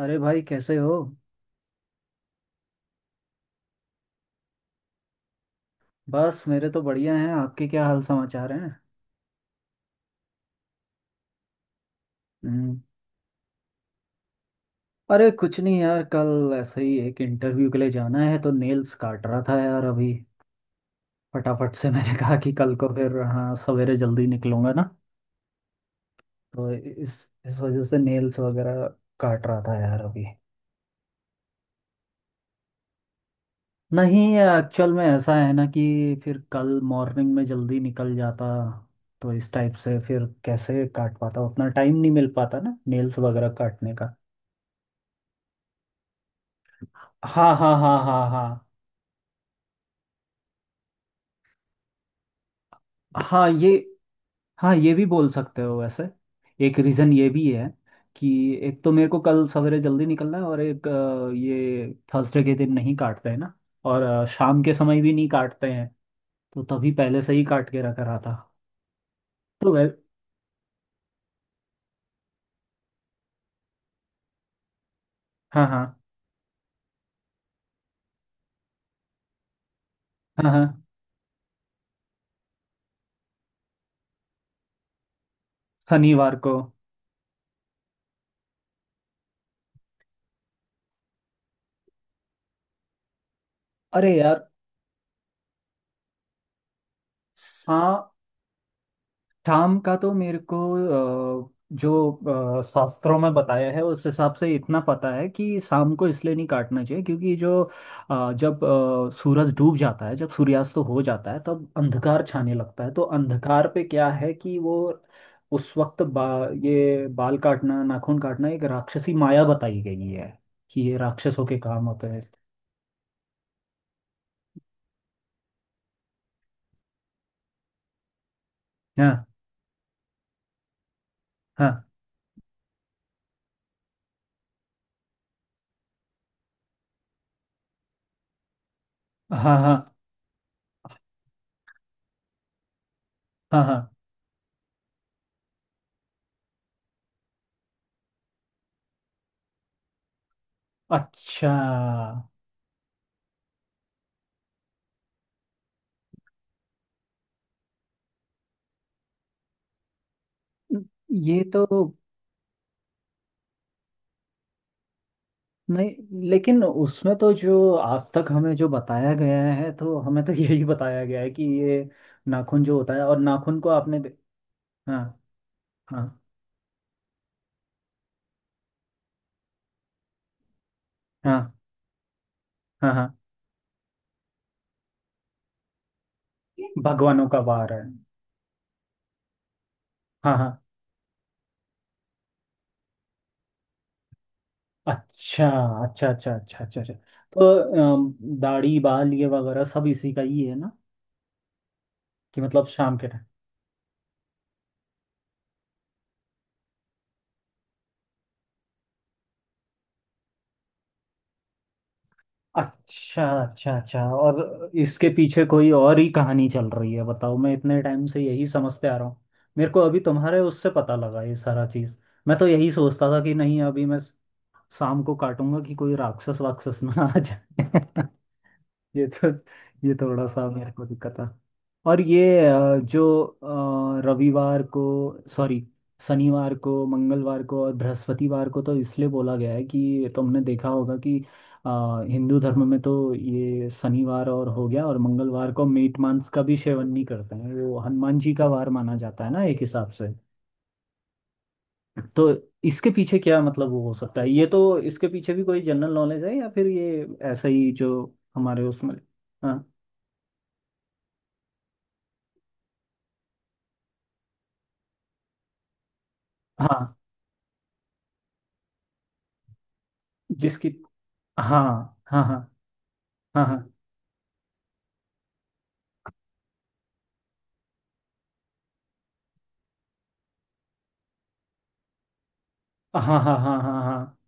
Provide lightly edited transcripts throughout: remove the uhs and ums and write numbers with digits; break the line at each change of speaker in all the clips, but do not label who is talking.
अरे भाई, कैसे हो? बस मेरे तो बढ़िया हैं। आपके क्या हाल समाचार हैं? हम्म। अरे कुछ नहीं यार, कल ऐसे ही एक इंटरव्यू के लिए जाना है तो नेल्स काट रहा था यार अभी। फटाफट से मैंने कहा कि कल को फिर, हाँ, सवेरे जल्दी निकलूंगा ना। तो इस वजह से नेल्स वगैरह काट रहा था यार अभी। नहीं, एक्चुअल में ऐसा है ना कि फिर कल मॉर्निंग में जल्दी निकल जाता। तो इस टाइप से फिर कैसे काट पाता, उतना टाइम नहीं मिल पाता ना नेल्स वगैरह काटने का। हाँ, हाँ, हाँ, हाँ, हाँ। हाँ, ये। हाँ, ये भी बोल सकते हो वैसे। एक रीज़न ये भी है कि एक तो मेरे को कल सवेरे जल्दी निकलना है, और एक, ये थर्सडे के दिन नहीं काटते हैं ना। और शाम के समय भी नहीं काटते हैं। तो तभी पहले से ही काट के रखा रहा था। तो वै हाँ, हाँ, हाँ, हाँ। शनिवार को। अरे यार। सा शाम का तो मेरे को अ, जो शास्त्रों में बताया है उस हिसाब से इतना पता है कि शाम को इसलिए नहीं काटना चाहिए, क्योंकि जो जब सूरज डूब जाता है, जब सूर्यास्त हो जाता है, तब अंधकार छाने लगता है। तो अंधकार पे क्या है कि वो उस वक्त ये बाल काटना, नाखून काटना एक राक्षसी माया बताई गई है। कि ये राक्षसों के काम होते हैं। हाँ, हाँ, हाँ, हाँ, हाँ, हाँ। अच्छा। ये तो। नहीं, लेकिन उसमें तो जो आज तक हमें, जो बताया गया है, तो हमें तो यही बताया गया है कि ये नाखून जो होता है और नाखून को आपने दे। हाँ, हाँ, हाँ, हाँ, हाँ। भगवानों का वार है। हाँ, हाँ। अच्छा, अच्छा, अच्छा, अच्छा, अच्छा, अच्छा। तो दाढ़ी बाल ये वगैरह सब इसी का ही है ना? कि मतलब शाम के। अच्छा, अच्छा, अच्छा, और इसके पीछे कोई और ही कहानी चल रही है? बताओ, मैं इतने टाइम से यही समझते आ रहा हूँ। मेरे को अभी तुम्हारे उससे पता लगा ये सारा चीज़। मैं तो यही सोचता था कि नहीं, अभी मैं शाम को काटूंगा कि कोई राक्षस वाक्षस ना आ जाए। ये तो। ये थोड़ा सा मेरे को दिक्कत है। और ये जो रविवार को, सॉरी, शनिवार को, मंगलवार को और बृहस्पतिवार को तो इसलिए बोला गया है कि तुमने देखा होगा कि अ, हिंदू धर्म में तो ये शनिवार और हो गया, और मंगलवार को मीट मांस का भी सेवन नहीं करते हैं, वो हनुमान जी का वार माना जाता है ना एक हिसाब से। तो इसके पीछे क्या मतलब वो हो सकता है? ये तो इसके पीछे भी कोई जनरल नॉलेज है या फिर ये ऐसा ही जो हमारे उसमें। हाँ, हाँ। जिसकी। हाँ, हाँ, हाँ, हाँ, हाँ, हाँ, हाँ, हाँ, हाँ,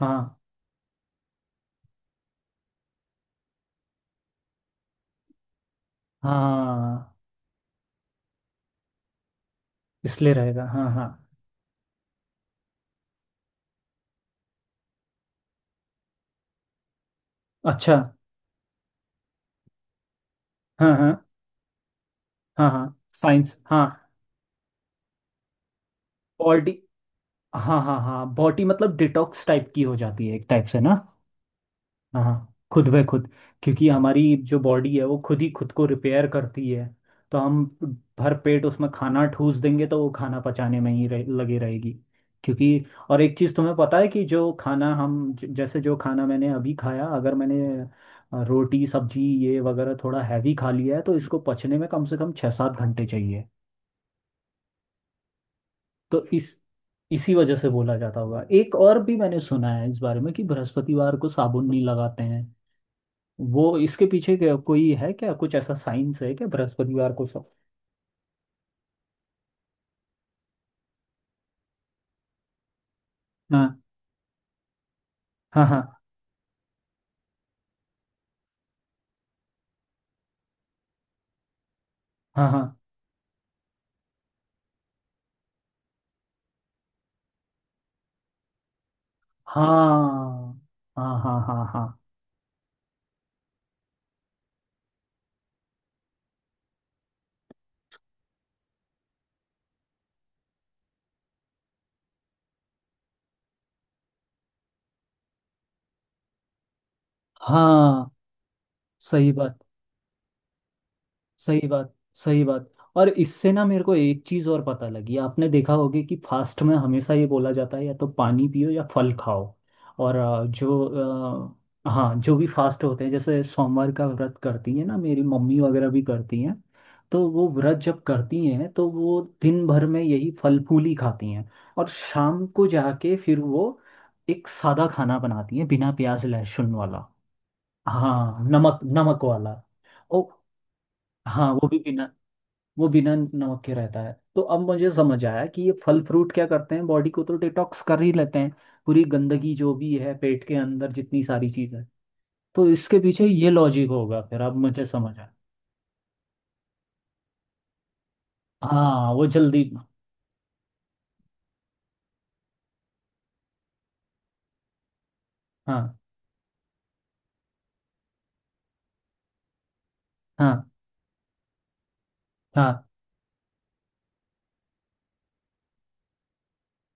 हाँ, हाँ, हाँ, इसलिए रहेगा, हाँ, हाँ। अच्छा। हाँ, हाँ, हाँ, हाँ साइंस, हाँ। बॉडी। हाँ, हाँ, हाँ, बॉडी मतलब डिटॉक्स टाइप की हो जाती है एक टाइप से ना। हाँ, हाँ, खुद ब खुद। क्योंकि हमारी जो बॉडी है वो खुद ही खुद को रिपेयर करती है। तो हम भर पेट उसमें खाना ठूस देंगे तो वो खाना पचाने में ही रहे, लगी रहेगी। क्योंकि और एक चीज़ तुम्हें पता है कि जो खाना जैसे जो खाना मैंने अभी खाया, अगर मैंने रोटी सब्जी ये वगैरह थोड़ा हैवी खा लिया है तो इसको पचने में कम से कम 6-7 घंटे चाहिए। तो इस इसी वजह से बोला जाता होगा। एक और भी मैंने सुना है इस बारे में कि बृहस्पतिवार को साबुन नहीं लगाते हैं। वो इसके पीछे कोई है क्या, कुछ ऐसा साइंस है क्या बृहस्पतिवार को सब? हाँ, हाँ, हाँ, हाँ, हाँ, हाँ, हाँ, हाँ, हाँ, हाँ, हाँ, हाँ। सही बात। सही बात। सही बात। और इससे ना मेरे को एक चीज और पता लगी, आपने देखा होगा कि फास्ट में हमेशा ये बोला जाता है या तो पानी पियो या फल खाओ। और जो हाँ, जो भी फास्ट होते हैं जैसे सोमवार का व्रत करती है ना मेरी मम्मी वगैरह भी करती हैं। तो वो व्रत जब करती हैं तो वो दिन भर में यही फल फूल ही खाती हैं। और शाम को जाके फिर वो एक सादा खाना बनाती हैं बिना प्याज लहसुन वाला। हाँ, नमक नमक वाला। ओ। हाँ, वो भी बिना। वो बिना नमक के रहता है। तो अब मुझे समझ आया कि ये फल फ्रूट क्या करते हैं, बॉडी को तो डिटॉक्स कर ही लेते हैं। पूरी गंदगी जो भी है पेट के अंदर जितनी सारी चीज़ है। तो इसके पीछे ये लॉजिक होगा, फिर अब मुझे समझ आया। हाँ, वो जल्दी। हाँ, हाँ, हाँ,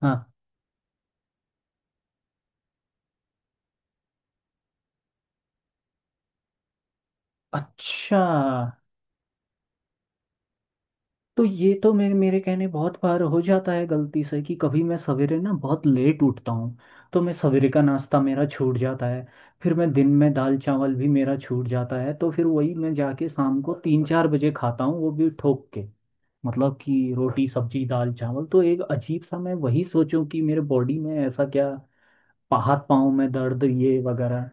हाँ। अच्छा तो ये तो मेरे मेरे कहने बहुत बार हो जाता है गलती से कि कभी मैं सवेरे ना बहुत लेट उठता हूँ। तो मैं सवेरे का नाश्ता मेरा छूट जाता है। फिर मैं दिन में दाल चावल भी मेरा छूट जाता है, तो फिर वही मैं जाके शाम को 3-4 बजे खाता हूँ, वो भी ठोक के, मतलब कि रोटी सब्जी दाल चावल। तो एक अजीब सा मैं वही सोचूं कि मेरे बॉडी में ऐसा क्या, हाथ पाँव में दर्द ये वगैरह।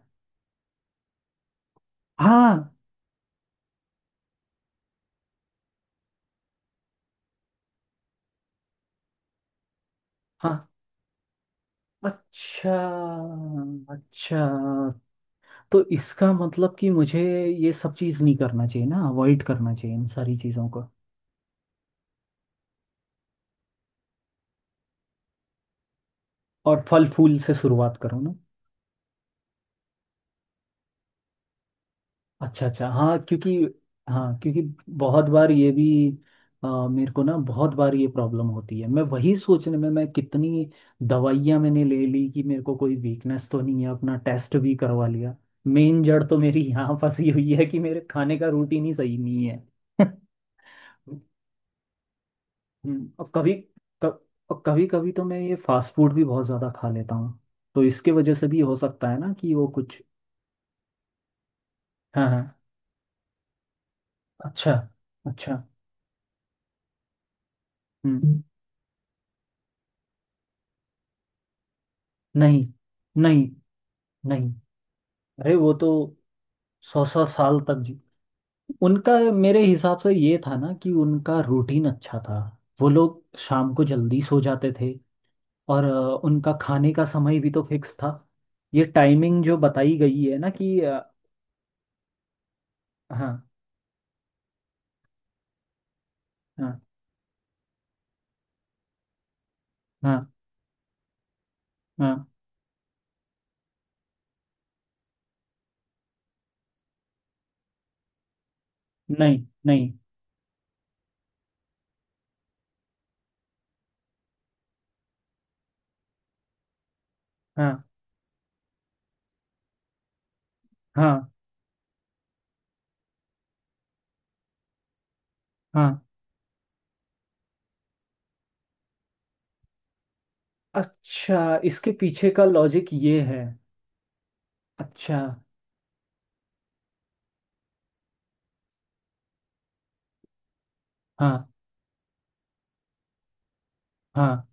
हाँ, हाँ। अच्छा, अच्छा। तो इसका मतलब कि मुझे ये सब चीज़ नहीं करना चाहिए ना, अवॉइड करना चाहिए इन सारी चीज़ों को। और फल फूल से शुरुआत करो ना। अच्छा, अच्छा, हाँ, क्योंकि, हाँ क्योंकि बहुत बार ये भी मेरे को ना बहुत बार ये प्रॉब्लम होती है, मैं वही सोचने में मैं कितनी दवाइयाँ मैंने ले ली कि मेरे को कोई वीकनेस तो नहीं है, अपना टेस्ट भी करवा लिया। मेन जड़ तो मेरी यहाँ फंसी हुई है कि मेरे खाने का रूटीन ही सही नहीं है। और कभी कभ, और कभी कभी तो मैं ये फास्ट फूड भी बहुत ज़्यादा खा लेता हूँ, तो इसके वजह से भी हो सकता है ना कि वो कुछ। हाँ, हाँ। अच्छा। अच्छा। हम्म। नहीं, नहीं, नहीं। अरे वो तो सौ सौ साल तक जी, उनका मेरे हिसाब से ये था ना कि उनका रूटीन अच्छा था। वो लोग शाम को जल्दी सो जाते थे। और उनका खाने का समय भी तो फिक्स था। ये टाइमिंग जो बताई गई है ना कि हाँ, हाँ, हाँ, हाँ। नहीं, नहीं। हाँ, हाँ, हाँ। अच्छा, इसके पीछे का लॉजिक ये है। अच्छा। हाँ, हाँ,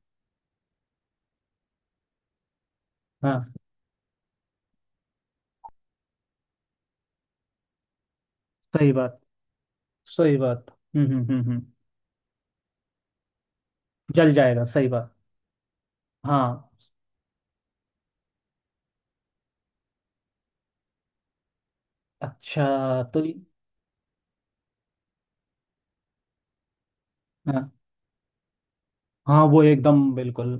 हाँ। सही बात। सही बात। हम्म, हम्म, हम्म, जल जाएगा, सही बात। हाँ। अच्छा तो हाँ, हाँ, वो एकदम बिल्कुल,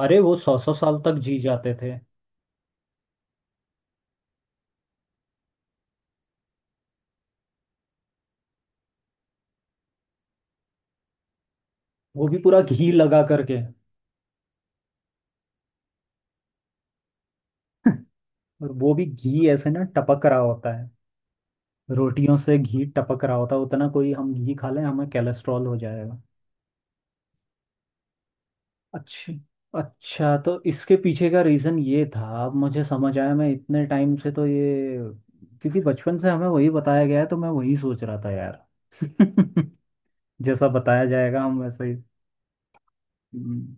अरे वो सौ सौ साल तक जी जाते थे। वो भी पूरा घी लगा करके। और वो भी घी ऐसे ना टपक रहा होता है, रोटियों से घी टपक रहा होता है, उतना कोई हम घी खा लें हमें कैलेस्ट्रॉल हो जाएगा। अच्छा, अच्छा, तो इसके पीछे का रीज़न ये था, अब मुझे समझ आया। मैं इतने टाइम से तो ये, क्योंकि बचपन से हमें वही बताया गया है तो मैं वही सोच रहा था यार। जैसा बताया जाएगा हम वैसे ही। हम्म,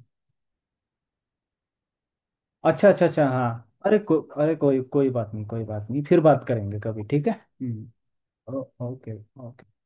अच्छा, अच्छा, अच्छा, हाँ। अरे कोई कोई बात नहीं, कोई बात नहीं, फिर बात करेंगे कभी, ठीक है। हम्म, ओके। ओके।